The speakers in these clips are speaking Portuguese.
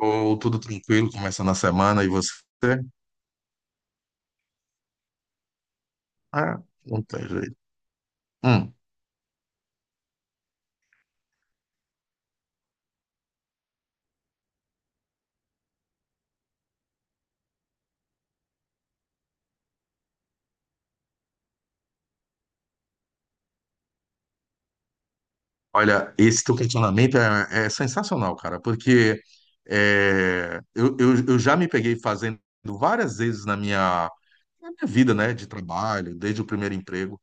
Ou tudo tranquilo, começando a semana e você? Ah, não tem jeito. Hum. Olha, esse teu questionamento é sensacional, cara, porque eu já me peguei fazendo várias vezes na na minha vida, né, de trabalho, desde o primeiro emprego,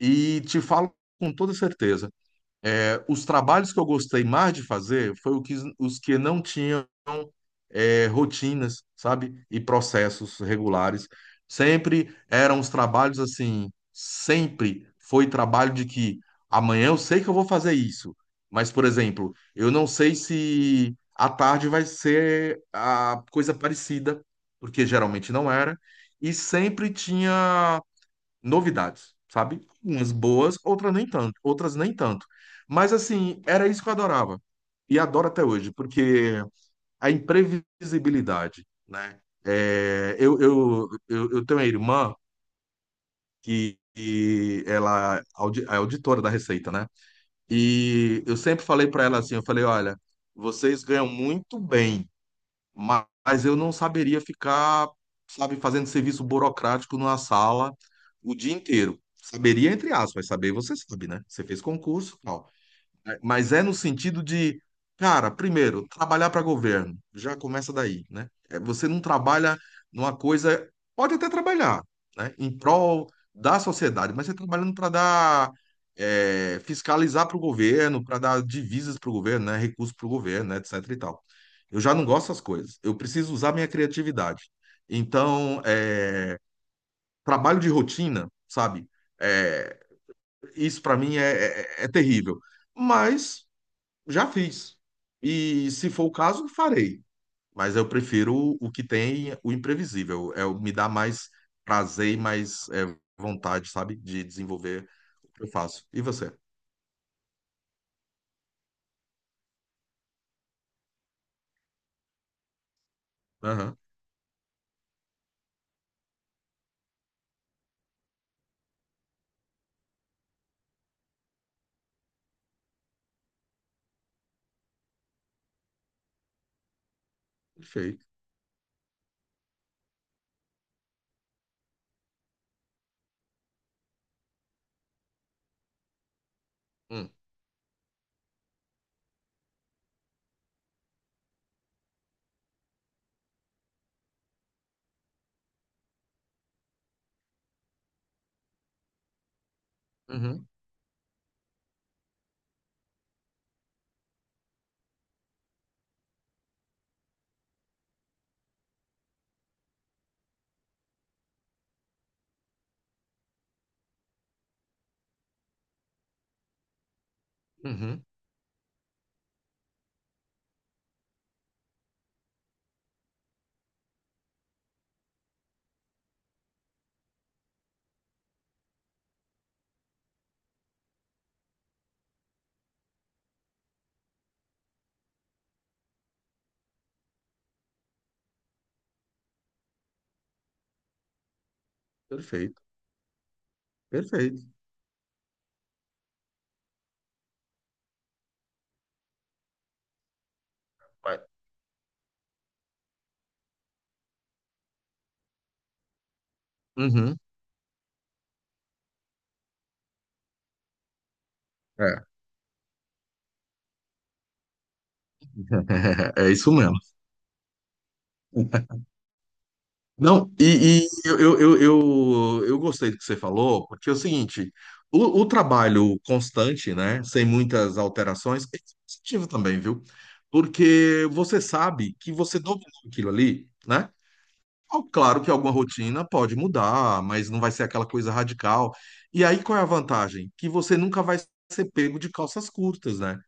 e te falo com toda certeza. É, os trabalhos que eu gostei mais de fazer os que não tinham rotinas, sabe? E processos regulares. Sempre eram os trabalhos assim, sempre foi trabalho de que amanhã eu sei que eu vou fazer isso, mas, por exemplo, eu não sei se à tarde vai ser a coisa parecida, porque geralmente não era, e sempre tinha novidades, sabe? Umas boas, outras nem tanto, outras nem tanto. Mas assim, era isso que eu adorava. E adoro até hoje, porque a imprevisibilidade, né? Eu tenho uma irmã que ela é é auditora da Receita, né? E eu sempre falei para ela assim, eu falei, olha, vocês ganham muito bem, mas eu não saberia ficar, sabe, fazendo serviço burocrático numa sala o dia inteiro. Saberia, entre aspas, saber você sabe, né? Você fez concurso, mas é no sentido de, cara, primeiro, trabalhar para governo. Já começa daí, né? É, você não trabalha numa coisa, pode até trabalhar, né? Em prol da sociedade, mas você trabalhando para dar, é, fiscalizar para o governo, para dar divisas para o governo, né? Recursos para o governo, né? Etc e tal. Eu já não gosto dessas coisas. Eu preciso usar minha criatividade. Então, é, trabalho de rotina, sabe? É, isso para mim é terrível. Mas já fiz. E se for o caso, farei. Mas eu prefiro o que tem o imprevisível. É, me dá mais prazer e mais é, vontade, sabe? De desenvolver o que eu faço. E você? Aham, perfeito. Hum. Uhum, uhum, perfeito, perfeito. Vai. Uhum, é. É isso mesmo. Não, e eu gostei do que você falou, porque é o seguinte, o trabalho constante, né, sem muitas alterações, é positivo também, viu? Porque você sabe que você dominou aquilo ali, né? Ó, claro que alguma rotina pode mudar, mas não vai ser aquela coisa radical. E aí qual é a vantagem? Que você nunca vai ser pego de calças curtas, né?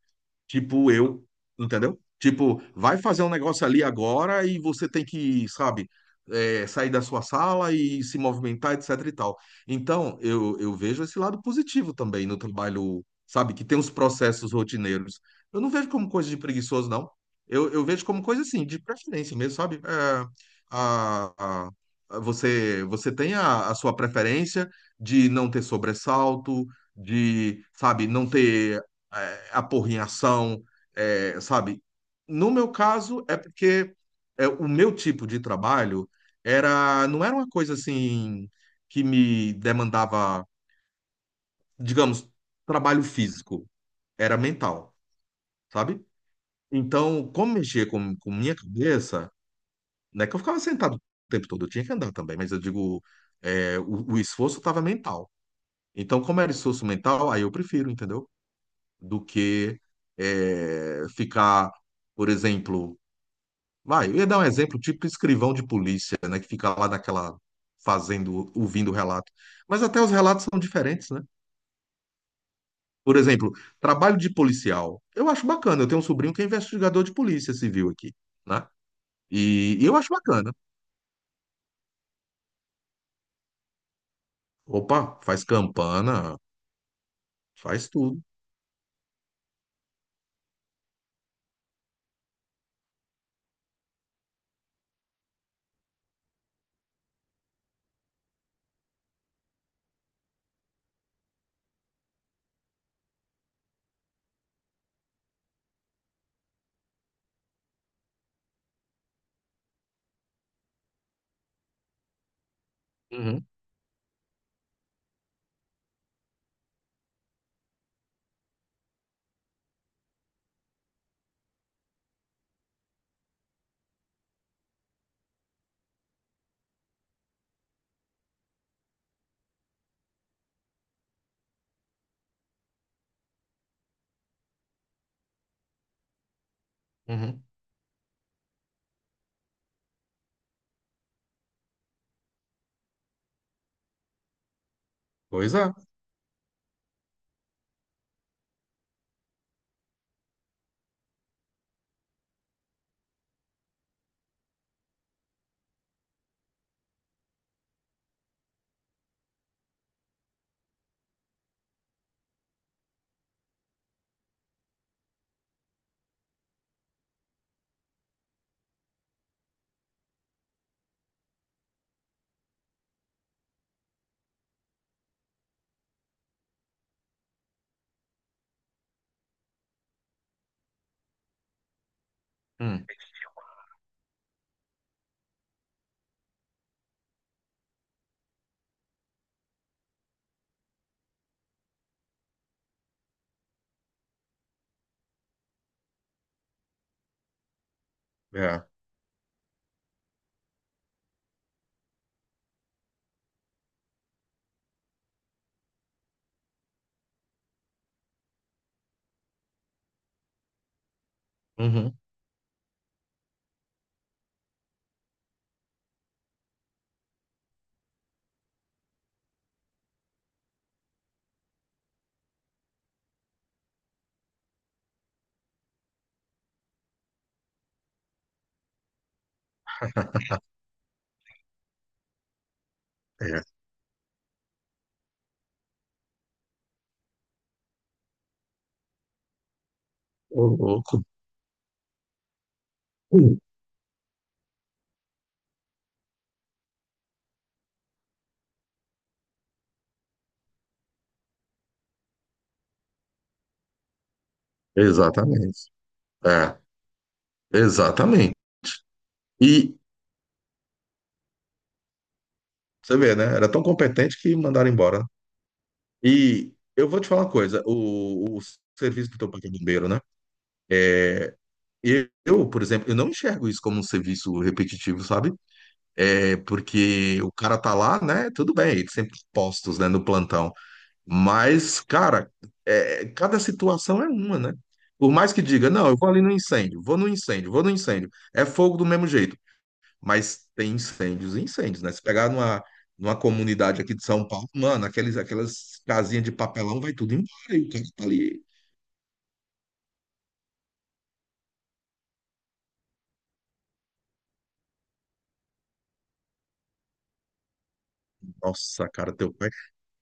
Tipo eu, entendeu? Tipo, vai fazer um negócio ali agora e você tem que, sabe, é, sair da sua sala e se movimentar, etc e tal. Então, eu vejo esse lado positivo também no trabalho, sabe, que tem os processos rotineiros. Eu não vejo como coisa de preguiçoso, não. Eu vejo como coisa assim, de preferência mesmo, sabe? É, a, a- você, você tem a sua preferência de não ter sobressalto, de, sabe, não ter é, a porra em ação, é, sabe? No meu caso, é porque é, o meu tipo de trabalho não era uma coisa assim que me demandava, digamos, trabalho físico, era mental, sabe? Então, como mexia com minha cabeça, né que eu ficava sentado o tempo todo, eu tinha que andar também, mas eu digo, é, o esforço estava mental. Então, como era esforço mental, aí eu prefiro, entendeu? Do que é, ficar, por exemplo, vai, eu ia dar um exemplo, tipo escrivão de polícia, né, que fica lá naquela fazendo, ouvindo o relato. Mas até os relatos são diferentes, né? Por exemplo, trabalho de policial. Eu acho bacana. Eu tenho um sobrinho que é investigador de polícia civil aqui, né? E eu acho bacana. Opa, faz campana, faz tudo. Uhum, uhum. Pois é. Hum. É. Uhum. É. Ô, louco. Hum. Exatamente. É, exatamente. E você vê, né? Era tão competente que mandaram embora. E eu vou te falar uma coisa: o serviço do teu pai que é bombeiro, né? É, eu, por exemplo, eu não enxergo isso como um serviço repetitivo, sabe? É porque o cara tá lá, né? Tudo bem, eles sempre postos, né, no plantão. Mas, cara, é, cada situação é uma, né? Por mais que diga, não, eu vou ali no incêndio, vou no incêndio, vou no incêndio. É fogo do mesmo jeito. Mas tem incêndios e incêndios, né? Se pegar numa comunidade aqui de São Paulo, mano, aquelas casinhas de papelão vai tudo embora. E o cara tá ali. Nossa, cara, teu pai,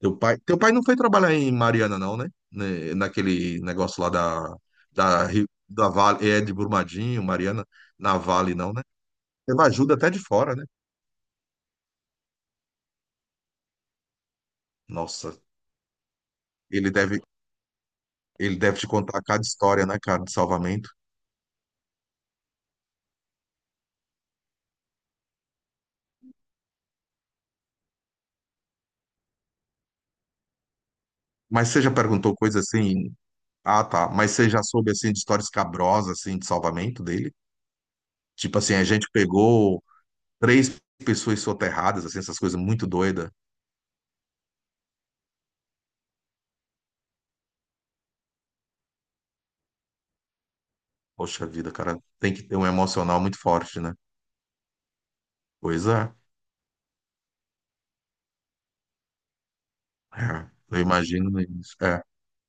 teu pai, teu pai não foi trabalhar em Mariana, não, né? Né, naquele negócio lá da, da Vale, é de Brumadinho, Mariana, na Vale, não, né? Teve ajuda até de fora, né? Nossa, ele deve, ele deve te contar cada história, né, cara, de salvamento. Mas você já perguntou coisa assim, ah, tá. Mas você já soube, assim, de história escabrosa, assim, de salvamento dele? Tipo assim, a gente pegou três pessoas soterradas, assim, essas coisas muito doidas. Poxa vida, cara, tem que ter um emocional muito forte, né? Pois é. É, eu imagino isso. É.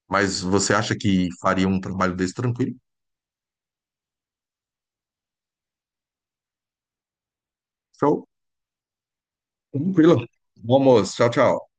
Mas você acha que faria um trabalho desse tranquilo? Show. Tranquilo. Bom almoço. Tchau, tchau.